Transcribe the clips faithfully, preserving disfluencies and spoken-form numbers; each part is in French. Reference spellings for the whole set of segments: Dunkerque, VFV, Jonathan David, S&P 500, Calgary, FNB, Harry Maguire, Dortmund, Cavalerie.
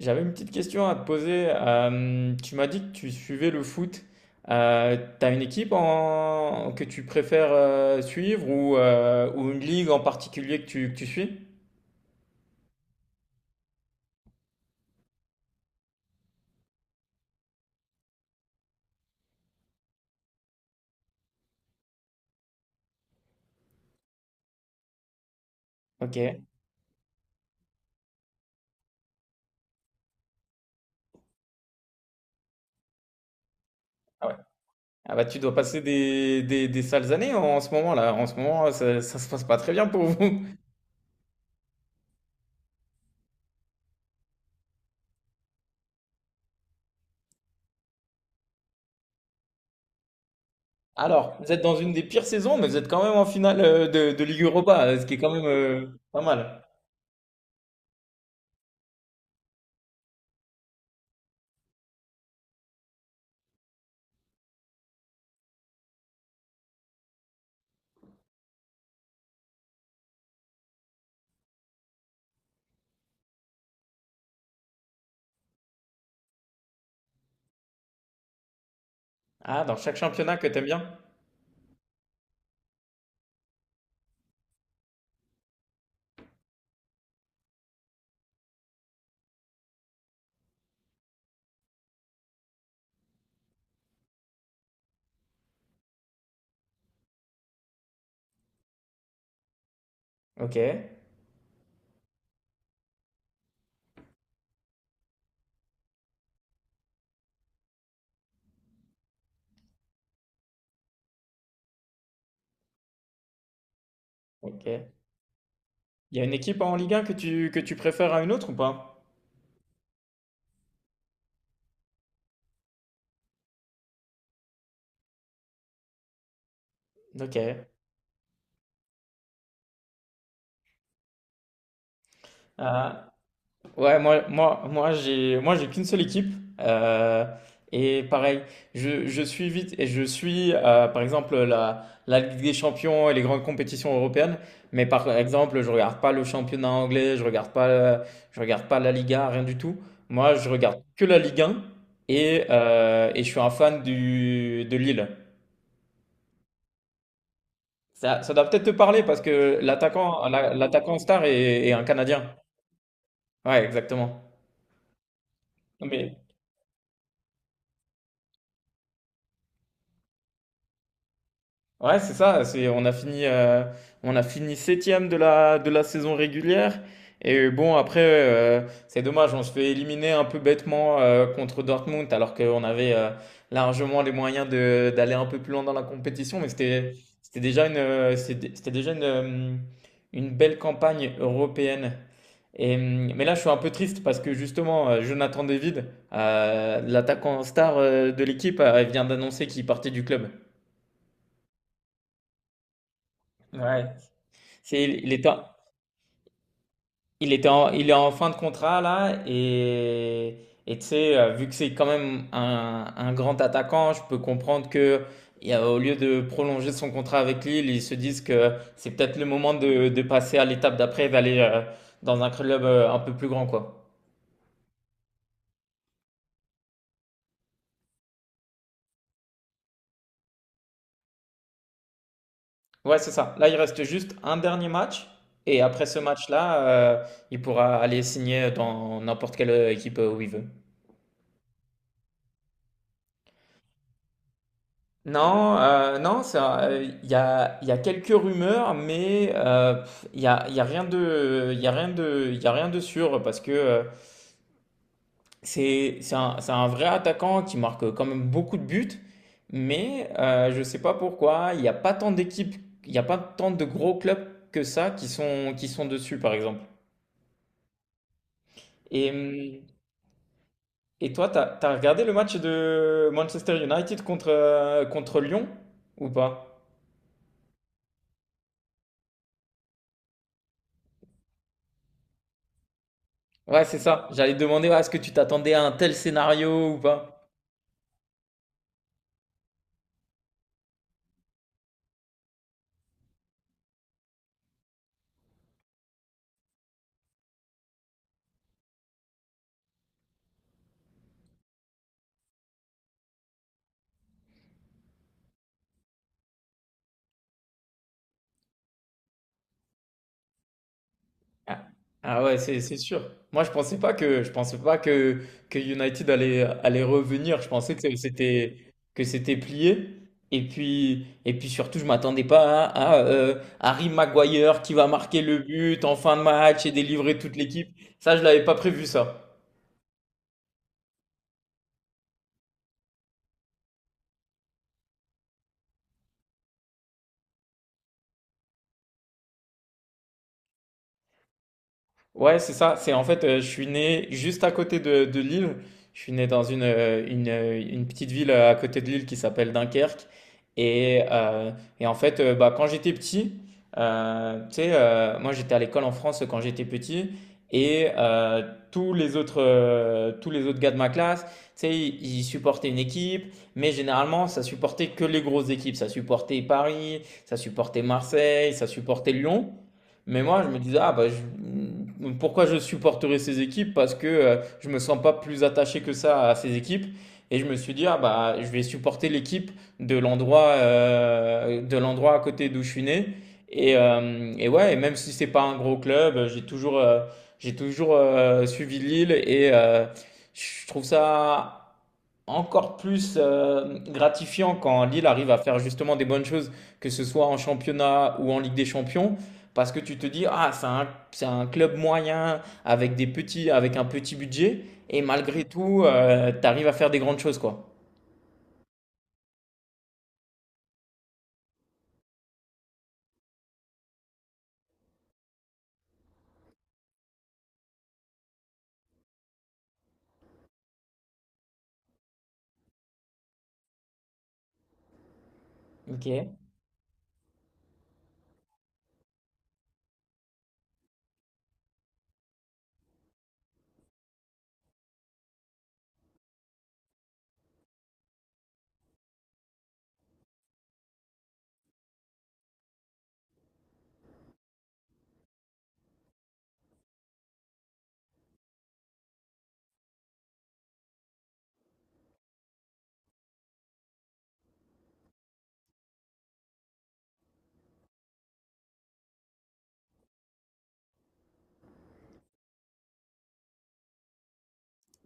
J'avais une petite question à te poser. Euh, tu m'as dit que tu suivais le foot. Euh, t'as une équipe en- que tu préfères euh, suivre ou, euh, ou une ligue en particulier que tu, que tu suis? Ok. Ah ouais. Ah bah tu dois passer des, des, des sales années en, en ce moment là. En ce moment, ça, ça se passe pas très bien pour vous. Alors, vous êtes dans une des pires saisons, mais vous êtes quand même en finale euh, de, de Ligue Europa, ce qui est quand même euh, pas mal. Ah, dans chaque championnat que t'aimes bien? Ok. Ok. Il y a une équipe en Ligue un que tu, que tu préfères à une autre ou pas? Ok. Euh, ouais, moi, moi, moi, j'ai, moi, j'ai qu'une seule équipe. Euh, et pareil, je, je suis vite et je suis, euh, par exemple, la, la Ligue des Champions et les grandes compétitions européennes. Mais par exemple, je regarde pas le championnat anglais, je regarde pas, euh, je regarde pas la Liga, rien du tout. Moi, je regarde que la Ligue un et, euh, et je suis un fan du, de Lille. Ça, ça doit peut-être te parler parce que l'attaquant, la- l'attaquant star est, est un Canadien. Ouais, exactement. Non, mais ouais, c'est ça. C'est, on a fini, euh, on a fini septième de la, de la saison régulière. Et bon, après, euh, c'est dommage, on se fait éliminer un peu bêtement euh, contre Dortmund, alors qu'on avait euh, largement les moyens de, d'aller un peu plus loin dans la compétition. Mais c'était, c'était déjà une, euh, c'était, c'était déjà une, euh, une belle campagne européenne. Et, euh, mais là, je suis un peu triste parce que justement, euh, Jonathan David, euh, l'attaquant star euh, de l'équipe, euh, vient d'annoncer qu'il partait du club. Ouais. C'est, il était, en- il était en- Il est en fin de contrat là et et tu sais, euh, vu que c'est quand même un, un grand attaquant, je peux comprendre que il y a- au lieu de prolonger son contrat avec Lille, ils se disent que c'est peut-être le moment de, de passer à l'étape d'après, d'aller euh, dans un club euh, un peu plus grand quoi. Ouais, c'est ça. Là, il reste juste un dernier match et après ce match-là, euh, il pourra aller signer dans n'importe quelle euh, équipe euh, où il veut. Non, euh, non, ça, euh, il y a, il y a quelques rumeurs, mais euh, pff, il y a, il y a rien de, il y a rien de, il y a rien de sûr parce que euh, c'est, c'est un, c'est un vrai attaquant qui marque quand même beaucoup de buts, mais euh, je sais pas pourquoi il n'y a pas tant d'équipes, il n'y a pas tant de gros clubs que ça qui sont, qui sont dessus par exemple. Et, hum, et toi, t'as, t'as regardé le match de Manchester United contre, euh, contre Lyon ou pas? Ouais, c'est ça. J'allais te demander, ouais, est-ce que tu t'attendais à un tel scénario ou pas? Ah, Ah ouais, c'est c'est sûr. Moi, je pensais pas que je pensais pas que que United allait allait revenir. Je pensais que c'était que c'était plié. Et puis et puis surtout, je m'attendais pas à, à, euh, Harry Maguire qui va marquer le but en fin de match et délivrer toute l'équipe. Ça, je l'avais pas prévu ça. Ouais, c'est ça. C'est en fait, euh, je suis né juste à côté de, de Lille. Je suis né dans une, euh, une, euh, une petite ville euh, à côté de Lille qui s'appelle Dunkerque. Et, euh, et en fait, euh, bah, quand j'étais petit, euh, tu sais, euh, moi j'étais à l'école en France quand j'étais petit. Et euh, tous les autres, euh, tous les autres gars de ma classe, tu sais, ils, ils supportaient une équipe. Mais généralement, ça supportait que les grosses équipes. Ça supportait Paris, ça supportait Marseille, ça supportait Lyon. Mais moi, je me disais, ah bah, je- pourquoi je supporterais ces équipes? Parce que euh, je me sens pas plus attaché que ça à ces équipes. Et je me suis dit, ah bah, je vais supporter l'équipe de l'endroit euh, de l'endroit à côté d'où je suis né. Et, euh, et ouais, et même si c'est pas un gros club, j'ai toujours, euh, j'ai toujours euh, suivi Lille et euh, je trouve ça encore plus euh, gratifiant quand Lille arrive à faire justement des bonnes choses, que ce soit en championnat ou en Ligue des Champions, parce que tu te dis, ah, c'est un, c'est un club moyen avec des petits, avec un petit budget, et malgré tout, tu arrives à faire des grandes choses, quoi. Ok.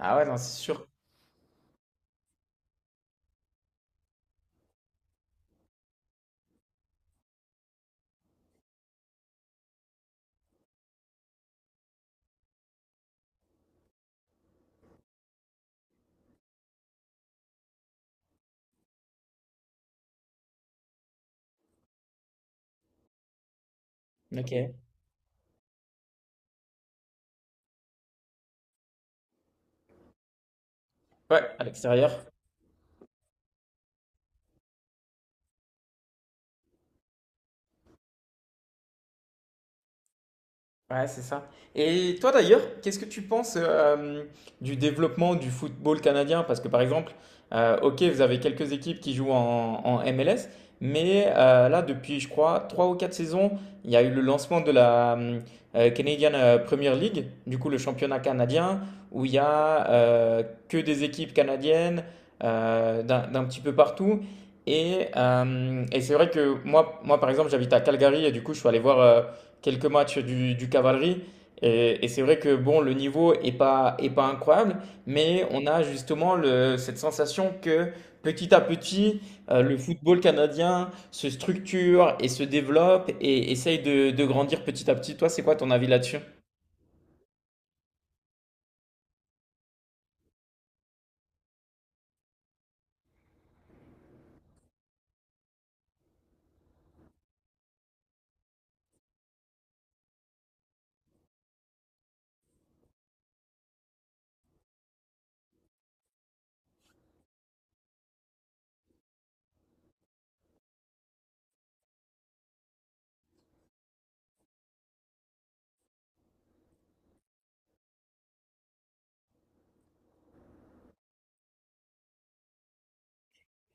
Ah ouais, non, c'est sûr. Ok. Ouais, à l'extérieur. Ouais, c'est ça. Et toi d'ailleurs, qu'est-ce que tu penses euh, du développement du football canadien? Parce que par exemple, euh, ok, vous avez quelques équipes qui jouent en, en M L S, mais euh, là, depuis, je crois, trois ou quatre saisons, il y a eu le lancement de la euh, Canadian euh, Premier League, du coup le championnat canadien, où il y a euh, que des équipes canadiennes euh, d'un d'un petit peu partout. Et, euh, et c'est vrai que moi, moi, par exemple, j'habite à Calgary et du coup, je suis allé voir euh, quelques matchs du, du Cavalerie. Et, et c'est vrai que bon, le niveau est pas, est pas incroyable, mais on a justement le- cette sensation que petit à petit, euh, le football canadien se structure et se développe et essaye de, de grandir petit à petit. Toi, c'est quoi ton avis là-dessus?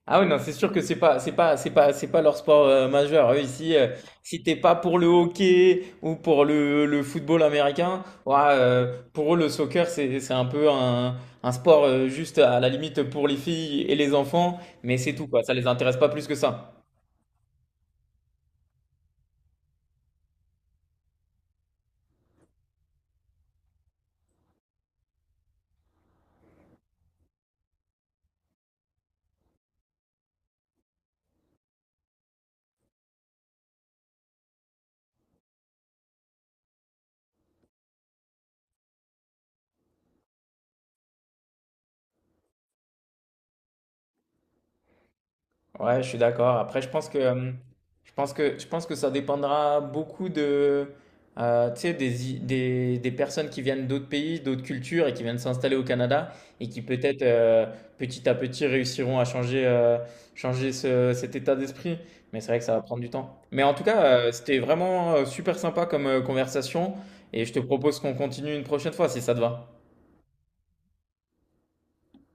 Ah oui, non, c'est sûr que c'est pas, c'est pas, c'est pas, c'est pas leur sport euh, majeur. Eux, ici, euh, si t'es pas pour le hockey ou pour le, le football américain, ouais, euh, pour eux, le soccer, c'est, c'est un peu un, un sport euh, juste à la limite pour les filles et les enfants, mais c'est tout, quoi. Ça les intéresse pas plus que ça. Ouais, je suis d'accord. Après, je pense que, euh, je pense que, je pense que ça dépendra beaucoup de, euh, tu sais, des, i- des, des personnes qui viennent d'autres pays, d'autres cultures et qui viennent s'installer au Canada et qui peut-être euh, petit à petit réussiront à changer, euh, changer ce- cet état d'esprit. Mais c'est vrai que ça va prendre du temps. Mais en tout cas, euh, c'était vraiment euh, super sympa comme euh, conversation et je te propose qu'on continue une prochaine fois si ça te va.